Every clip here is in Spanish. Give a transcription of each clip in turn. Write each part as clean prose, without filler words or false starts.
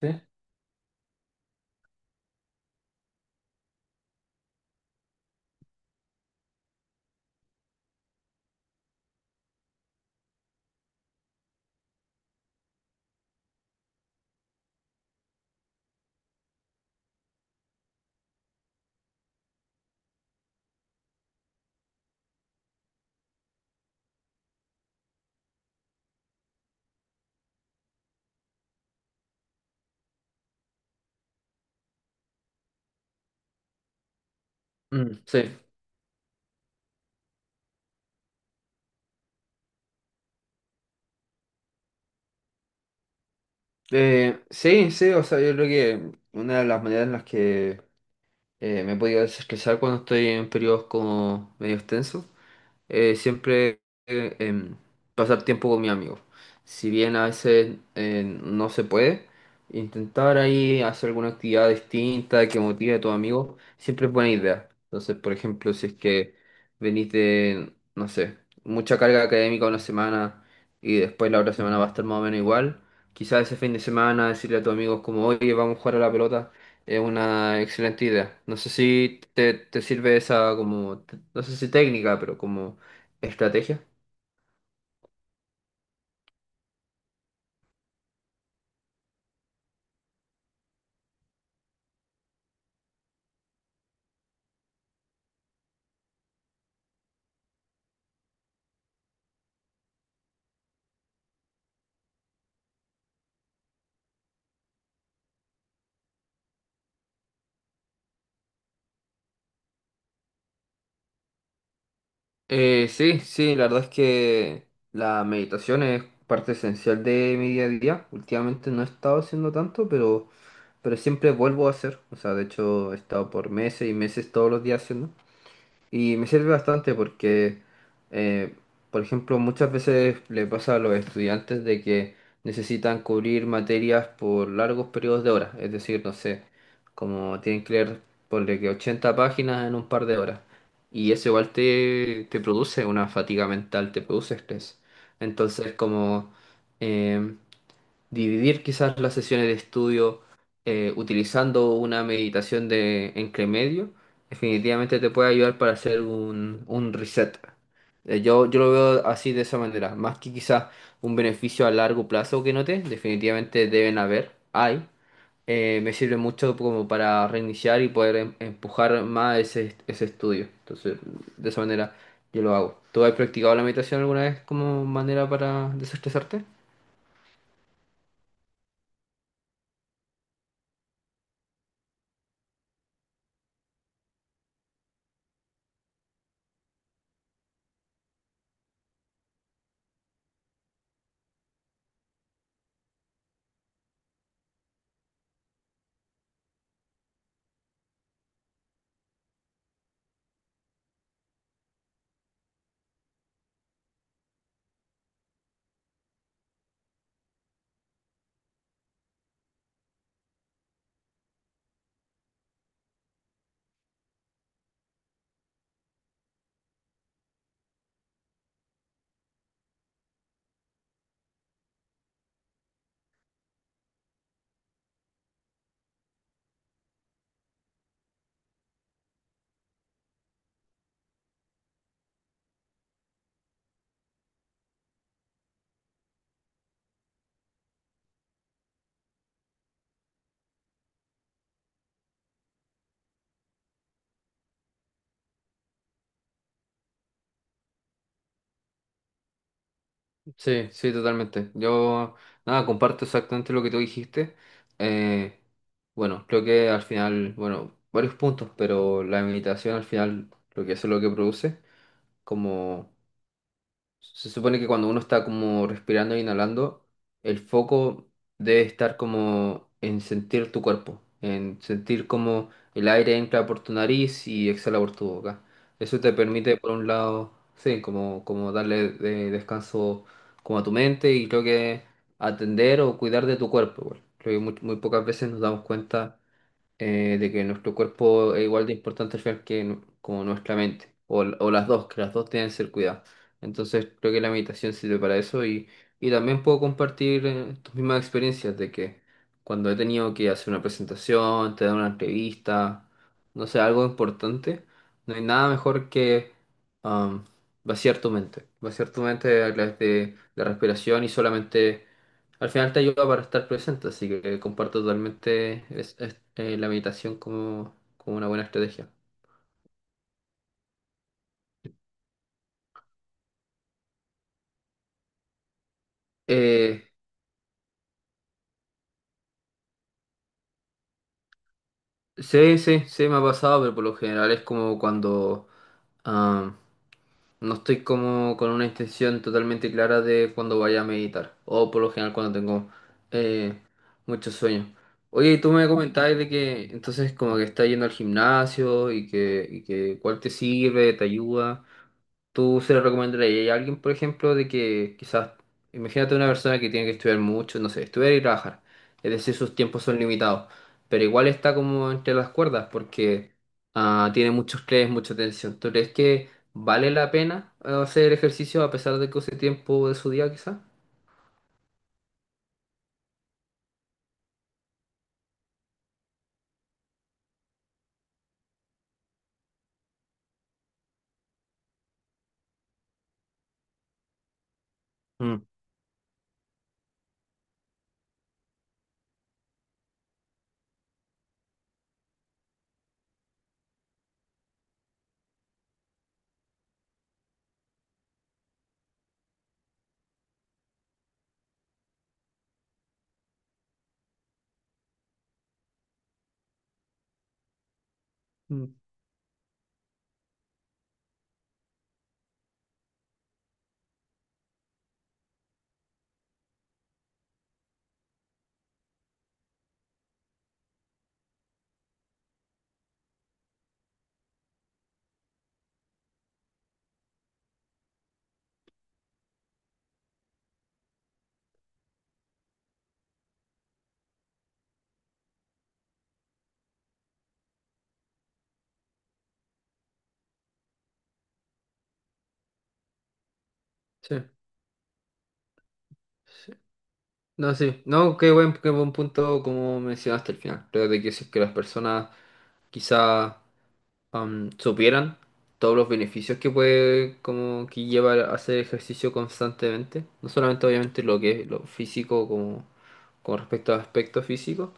Sí. Mm, sí. Sí, sí, o sea, yo creo que una de las maneras en las que me he podido desestresar cuando estoy en periodos como medio extensos, siempre pasar tiempo con mi amigos. Si bien a veces no se puede, intentar ahí hacer alguna actividad distinta que motive a tus amigos siempre es buena idea. Entonces, por ejemplo, si es que venís de, no sé, mucha carga académica una semana y después la otra semana va a estar más o menos igual, quizás ese fin de semana decirle a tus amigos como, oye, vamos a jugar a la pelota. Es una excelente idea. No sé si te sirve esa como, no sé, si técnica, pero como, ¿estrategia? Sí, sí, la verdad es que la meditación es parte esencial de mi día a día. Últimamente no he estado haciendo tanto, pero siempre vuelvo a hacer. O sea, de hecho, he estado por meses y meses todos los días haciendo. Y me sirve bastante porque, eh, por ejemplo, muchas veces le pasa a los estudiantes de que necesitan cubrir materias por largos periodos de horas. Es decir, no sé, como tienen que leer, ponle que 80 páginas en un par de horas. Y eso igual te produce una fatiga mental, te produce estrés. Entonces, como em, dividir quizás las sesiones de estudio utilizando una meditación de entre medio, definitivamente te puede ayudar para hacer un reset. Yo lo veo así de esa manera, más que quizás un beneficio a largo plazo que note, definitivamente deben haber, hay. Me sirve mucho como para reiniciar y poder empujar más ese estudio. Entonces, de esa manera yo lo hago. ¿Tú has practicado la meditación alguna vez como manera para desestresarte? Sí, sí, totalmente. Yo, nada, comparto exactamente lo que tú dijiste. Eh, bueno, creo que al final, bueno, varios puntos, pero la meditación al final, lo que hace, lo que produce, como, se supone que cuando uno está como respirando e inhalando, el foco debe estar como en sentir tu cuerpo, en sentir como el aire entra por tu nariz y exhala por tu boca. Eso te permite, por un lado, sí, como darle descanso como a tu mente, y creo que atender o cuidar de tu cuerpo, igual. Creo que muy, muy pocas veces nos damos cuenta, de que nuestro cuerpo es igual de importante al final que como nuestra mente, o, o las dos, que las dos tienen que ser cuidadas. Entonces creo que la meditación sirve para eso, y también puedo compartir, tus mismas experiencias de que cuando he tenido que hacer una presentación, te dar una entrevista, no sé, algo importante, no hay nada mejor que am, vaciar tu mente a través de la respiración, y solamente al final te ayuda para estar presente. Así que comparto totalmente la meditación como una buena estrategia. Eh, sí, sí, sí, me ha pasado, pero por lo general es como cuando ah, no estoy como con una intención totalmente clara de cuando vaya a meditar, o por lo general cuando tengo eh, mucho sueño. Oye, y tú me comentabas de que entonces como que estás yendo al gimnasio, y que, cuál te sirve, te ayuda. ¿Tú se lo recomendarías a alguien, por ejemplo, de que quizás, imagínate una persona que tiene que estudiar mucho, no sé, estudiar y trabajar, es decir, sus tiempos son limitados, pero igual está como entre las cuerdas porque tiene muchos estrés, mucha tensión? ¿Tú crees que vale la pena hacer ejercicio a pesar de que use tiempo de su día, quizás? Mm. Mm, sí, sí. No, sí. No, qué buen punto como mencionaste al final. Creo de que si es que las personas quizás supieran todos los beneficios que puede, como que lleva a hacer ejercicio constantemente, no solamente obviamente lo que es lo físico, como con respecto a aspectos físicos,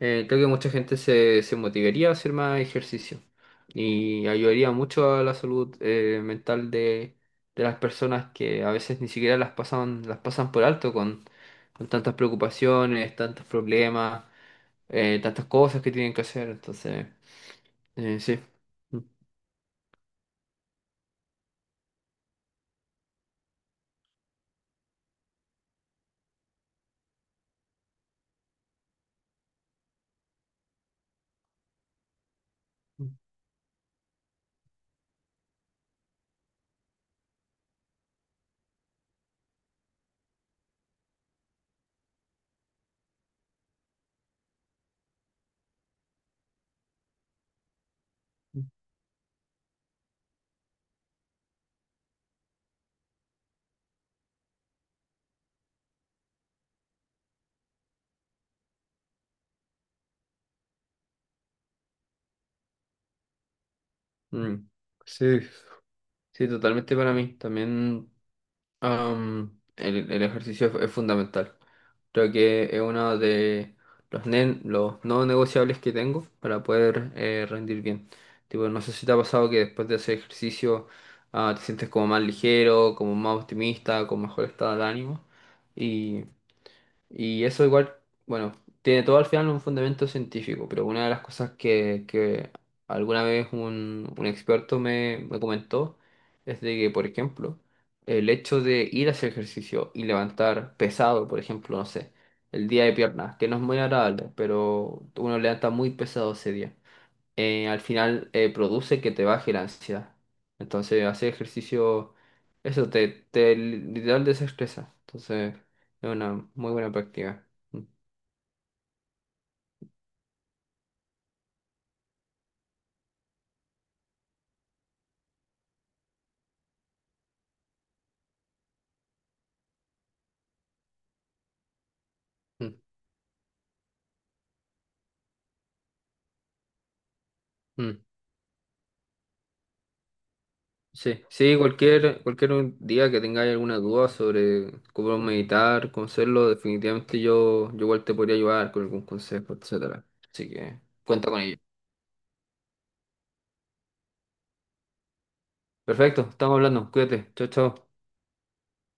creo que mucha gente se motivaría a hacer más ejercicio y ayudaría mucho a la salud mental de, las personas que a veces ni siquiera las pasan por alto con tantas preocupaciones, tantos problemas, tantas cosas que tienen que hacer. Entonces, sí. Mm, sí, sí, totalmente para mí. También el ejercicio es fundamental. Creo que es uno de los no negociables que tengo para poder rendir bien. Tipo, no sé si te ha pasado que después de hacer ejercicio te sientes como más ligero, como más optimista, con mejor estado de ánimo. Y eso igual, bueno, tiene todo al final un fundamento científico, pero una de las cosas que alguna vez un experto me comentó es de que, por ejemplo, el hecho de ir a hacer ejercicio y levantar pesado, por ejemplo, no sé, el día de piernas, que no es muy agradable, pero uno levanta muy pesado ese día, al final produce que te baje la ansiedad. Entonces, hacer ejercicio, eso te literal desestresa. Entonces, es una muy buena práctica. Mm, mm, mm. Sí, sí, cualquier un día que tengáis alguna duda sobre cómo meditar, cómo hacerlo, definitivamente yo igual te podría ayudar con algún consejo, etcétera. Así que cuenta con ello. Perfecto, estamos hablando. Cuídate. Chao, chao.